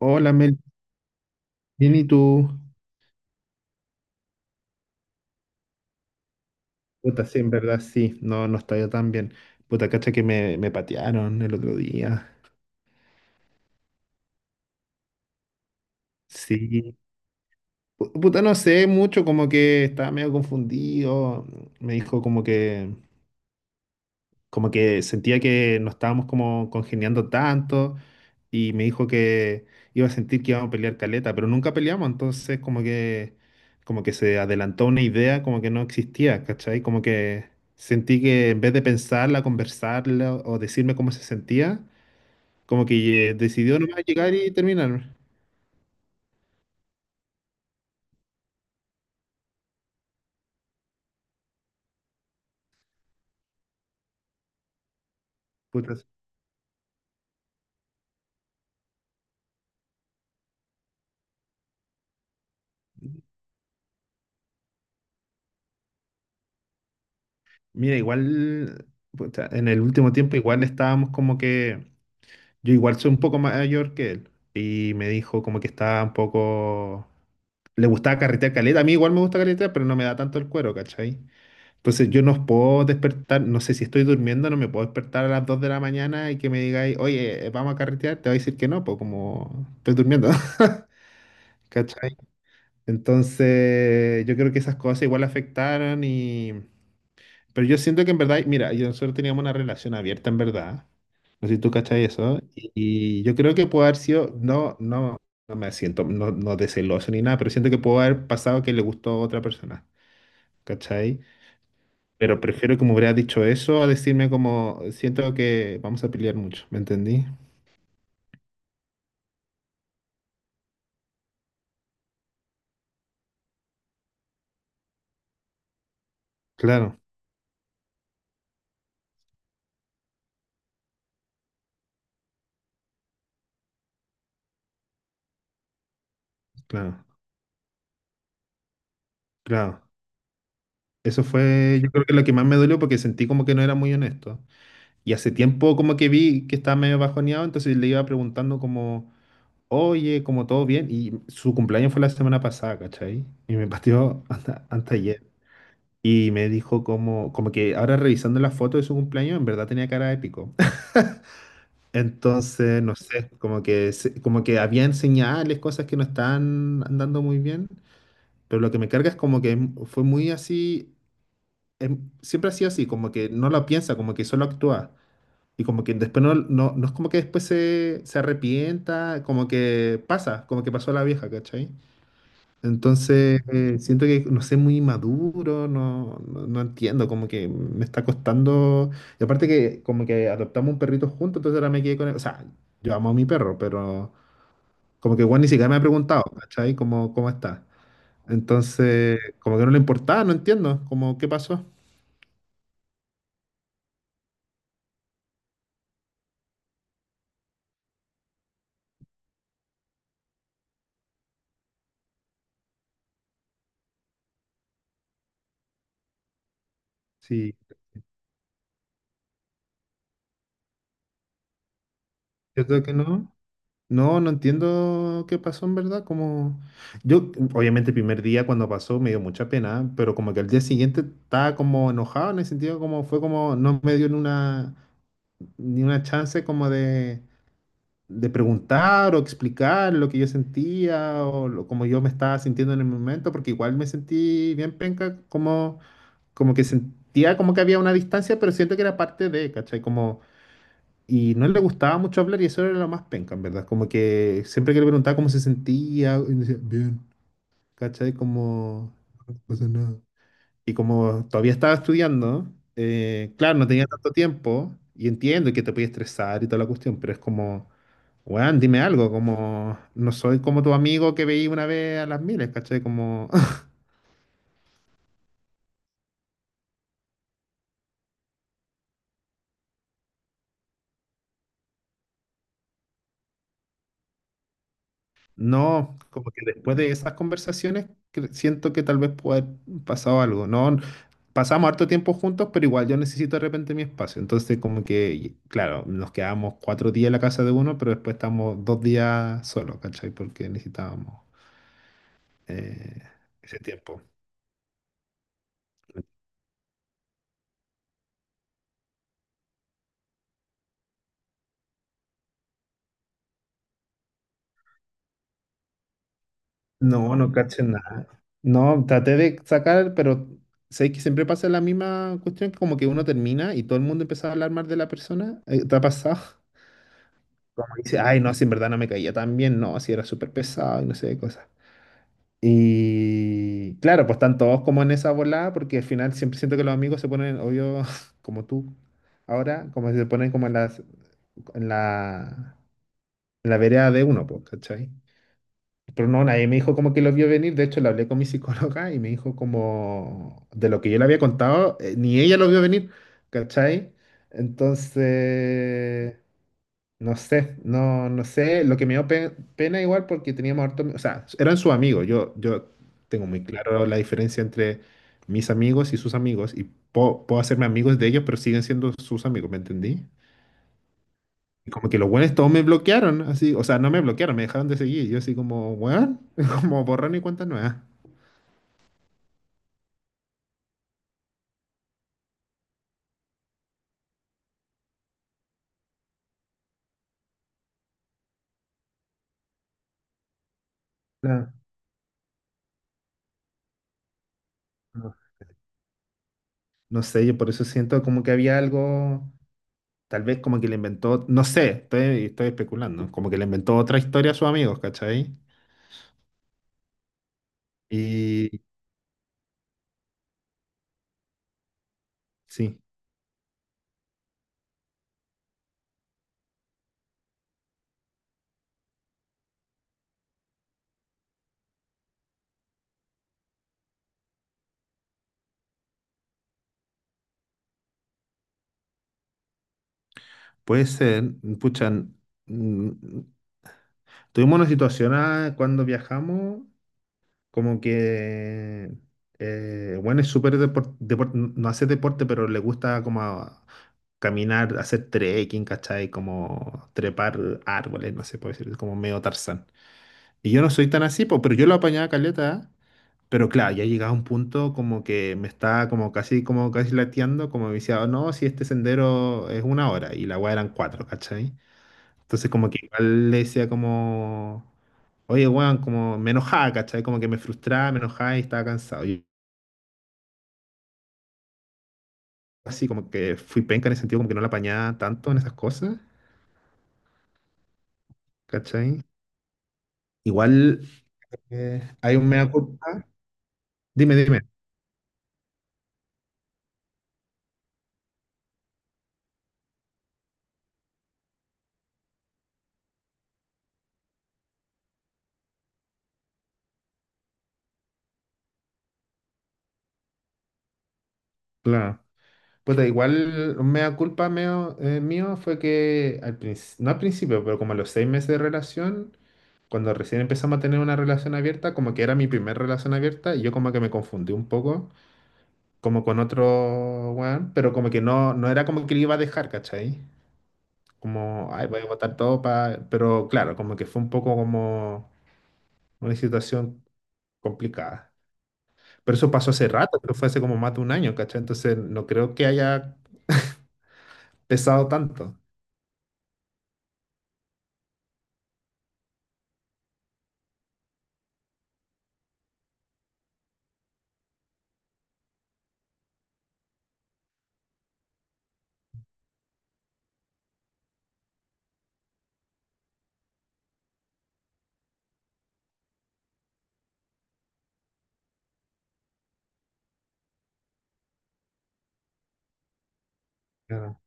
Hola Mel, bien y tú. Puta, sí, en verdad sí, no, no está yo tan bien. Puta, cacha que me patearon el otro día. Sí. Puta, no sé mucho, como que estaba medio confundido. Me dijo como que sentía que no estábamos como congeniando tanto y me dijo que iba a sentir que íbamos a pelear caleta, pero nunca peleamos, entonces como que se adelantó una idea como que no existía, ¿cachai? Como que sentí que en vez de pensarla, conversarla o decirme cómo se sentía, como que decidió nomás llegar y terminar. Puta, mira, igual puta, en el último tiempo igual estábamos como que yo igual soy un poco mayor que él y me dijo como que estaba un poco le gustaba carretear caleta. A mí igual me gusta carretear, pero no me da tanto el cuero, ¿cachai? Entonces yo no puedo despertar, no sé si estoy durmiendo, no me puedo despertar a las 2 de la mañana y que me digáis, oye, vamos a carretear, te voy a decir que no, pues como estoy durmiendo. ¿Cachai? Entonces yo creo que esas cosas igual afectaron. Y... Pero yo siento que en verdad, mira, yo nosotros teníamos una relación abierta en verdad. No sé si tú cachai eso. Y yo creo que puede haber sido, no, no, no me siento, no, no de celoso ni nada, pero siento que puede haber pasado que le gustó a otra persona. ¿Cachai? Pero prefiero que me hubiera dicho eso a decirme como, siento que vamos a pelear mucho, ¿me entendí? Claro, claro, claro. Eso fue, yo creo que lo que más me dolió porque sentí como que no era muy honesto. Y hace tiempo como que vi que estaba medio bajoneado, entonces le iba preguntando como, oye, como todo bien. Y su cumpleaños fue la semana pasada, ¿cachai? Y me pateó hasta ayer. Y me dijo como que ahora revisando la foto de su cumpleaños, en verdad tenía cara épico. Entonces, no sé, como que, como que habían señales, cosas que no estaban andando muy bien, pero lo que me carga es como que fue muy así, siempre ha sido así, como que no lo piensa, como que solo actúa. Y como que después no, no, no es como que después se, se arrepienta, como que pasa, como que pasó la vieja, ¿cachai? Entonces, siento que no sé, muy maduro, no, no, no entiendo, como que me está costando. Y aparte que como que adoptamos un perrito juntos, entonces ahora me quedé con él. O sea, yo amo a mi perro, pero como que Juan ni siquiera me ha preguntado, ¿cachai? ¿Cómo está? Entonces, como que no le importaba, no entiendo, como qué pasó. Sí, yo creo que no. No, no entiendo qué pasó en verdad, como yo obviamente el primer día cuando pasó me dio mucha pena, pero como que al día siguiente estaba como enojado en el sentido como fue como no me dio ni una chance como de preguntar o explicar lo que yo sentía o como yo me estaba sintiendo en el momento, porque igual me sentí bien penca, como que sentía como que había una distancia, pero siento que era parte de, ¿cachai? Como y no le gustaba mucho hablar y eso era lo más penca, en verdad. Como que siempre que le preguntaba cómo se sentía, y decía, bien, ¿cachai? Como, no pasa nada. Y como todavía estaba estudiando, claro, no tenía tanto tiempo y entiendo que te puede estresar y toda la cuestión, pero es como, weón, dime algo, como, no soy como tu amigo que veí una vez a las miles, ¿cachai? Como. No, como que después de esas conversaciones siento que tal vez puede haber pasado algo. No, pasamos harto tiempo juntos, pero igual yo necesito de repente mi espacio. Entonces, como que, claro, nos quedábamos 4 días en la casa de uno, pero después estamos 2 días solos, ¿cachai? Porque necesitábamos eh, ese tiempo. No, no caché nada. No, traté de sacar, pero sé que siempre pasa la misma cuestión, que como que uno termina y todo el mundo empieza a hablar mal de la persona. ¿Te ha pasado? Como dice, ay, no, si en verdad no me caía tan bien, no, si era súper pesado y no sé qué cosas. Y claro, pues están todos como en esa volada, porque al final siempre siento que los amigos se ponen, obvio, como tú, ahora, como se ponen como en las, en la, en la vereda de uno, pues, ¿cachai? Pero no, nadie me dijo como que lo vio venir, de hecho le hablé con mi psicóloga y me dijo como de lo que yo le había contado, ni ella lo vio venir, ¿cachai? Entonces, no sé, no, no sé, lo que me dio pena igual porque teníamos harto, o sea, eran sus amigos, yo tengo muy claro la diferencia entre mis amigos y sus amigos y puedo, puedo hacerme amigos de ellos, pero siguen siendo sus amigos, ¿me entendí? Y como que los buenos todos me bloquearon, así, o sea, no me bloquearon, me dejaron de seguir, yo así como, weón, como borrón y cuenta nueva. Claro, no, no sé, yo por eso siento como que había algo, tal vez como que le inventó, no sé, estoy, estoy especulando, como que le inventó otra historia a sus amigos, ¿cachai? Y, sí, puede ser. Pucha, tuvimos una situación ah, cuando viajamos, como que, bueno, es súper no hace deporte, pero le gusta como caminar, hacer trekking, ¿cachai? Como trepar árboles, no sé, puede ser como medio Tarzán. Y yo no soy tan así, po, pero yo lo apañaba caleta. ¿Eh? Pero claro, ya llegaba un punto como que me estaba como casi lateando, como me decía, "Oh, no, si este sendero es 1 hora, y la weá eran cuatro, ¿cachai?" Entonces como que igual le decía como, oye, weón, como me enojaba, ¿cachai? Como que me frustraba, me enojaba y estaba cansado. Y así como que fui penca en el sentido como que no la apañaba tanto en esas cosas, ¿cachai? Igual hay un mea culpa. Dime, dime, claro. Pues igual un mea culpa mío fue que, no al principio, pero como a los 6 meses de relación, cuando recién empezamos a tener una relación abierta, como que era mi primer relación abierta y yo como que me confundí un poco. Como con otro weón, pero como que no, no era como que le iba a dejar, ¿cachai? Como, ay, voy a votar todo para. Pero claro, como que fue un poco como una situación complicada. Pero eso pasó hace rato, pero fue hace como más de un año, ¿cachai? Entonces no creo que haya pesado tanto. Claro,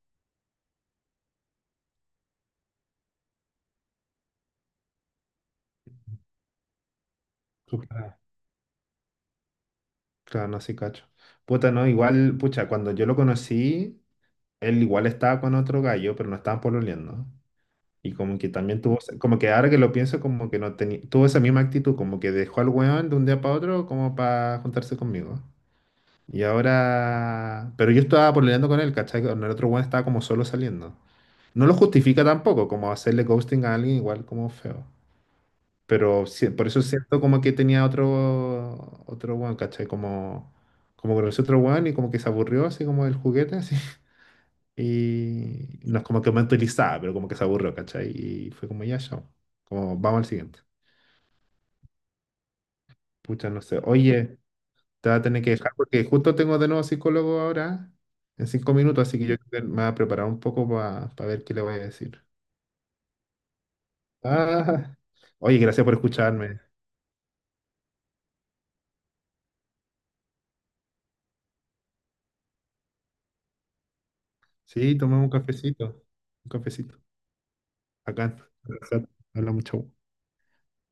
súper. Claro, no, sí, cacho. Puta, no, igual, pucha, cuando yo lo conocí, él igual estaba con otro gallo, pero no estaban pololeando. Y como que también tuvo, como que ahora que lo pienso, como que no tenía, tuvo esa misma actitud, como que dejó al weón de un día para otro como para juntarse conmigo. Y ahora, pero yo estaba pololeando con él, ¿cachai? Con el otro weón estaba como solo saliendo. No lo justifica tampoco, como hacerle ghosting a alguien igual como feo. Pero por eso siento como que tenía otro, otro weón, ¿cachai? Como conoció otro weón y como que se aburrió así como del juguete. Así. Y no es como que mentalizaba pero como que se aburrió, ¿cachai? Y fue como ya, chao. Como vamos al siguiente. Pucha, no sé. Oye, te voy a tener que dejar porque justo tengo de nuevo psicólogo ahora en 5 minutos, así que yo creo que me voy a preparar un poco para ver qué le voy a decir. Ah, oye, gracias por escucharme. Sí, tomemos un cafecito. Un cafecito. Acá. Habla mucho.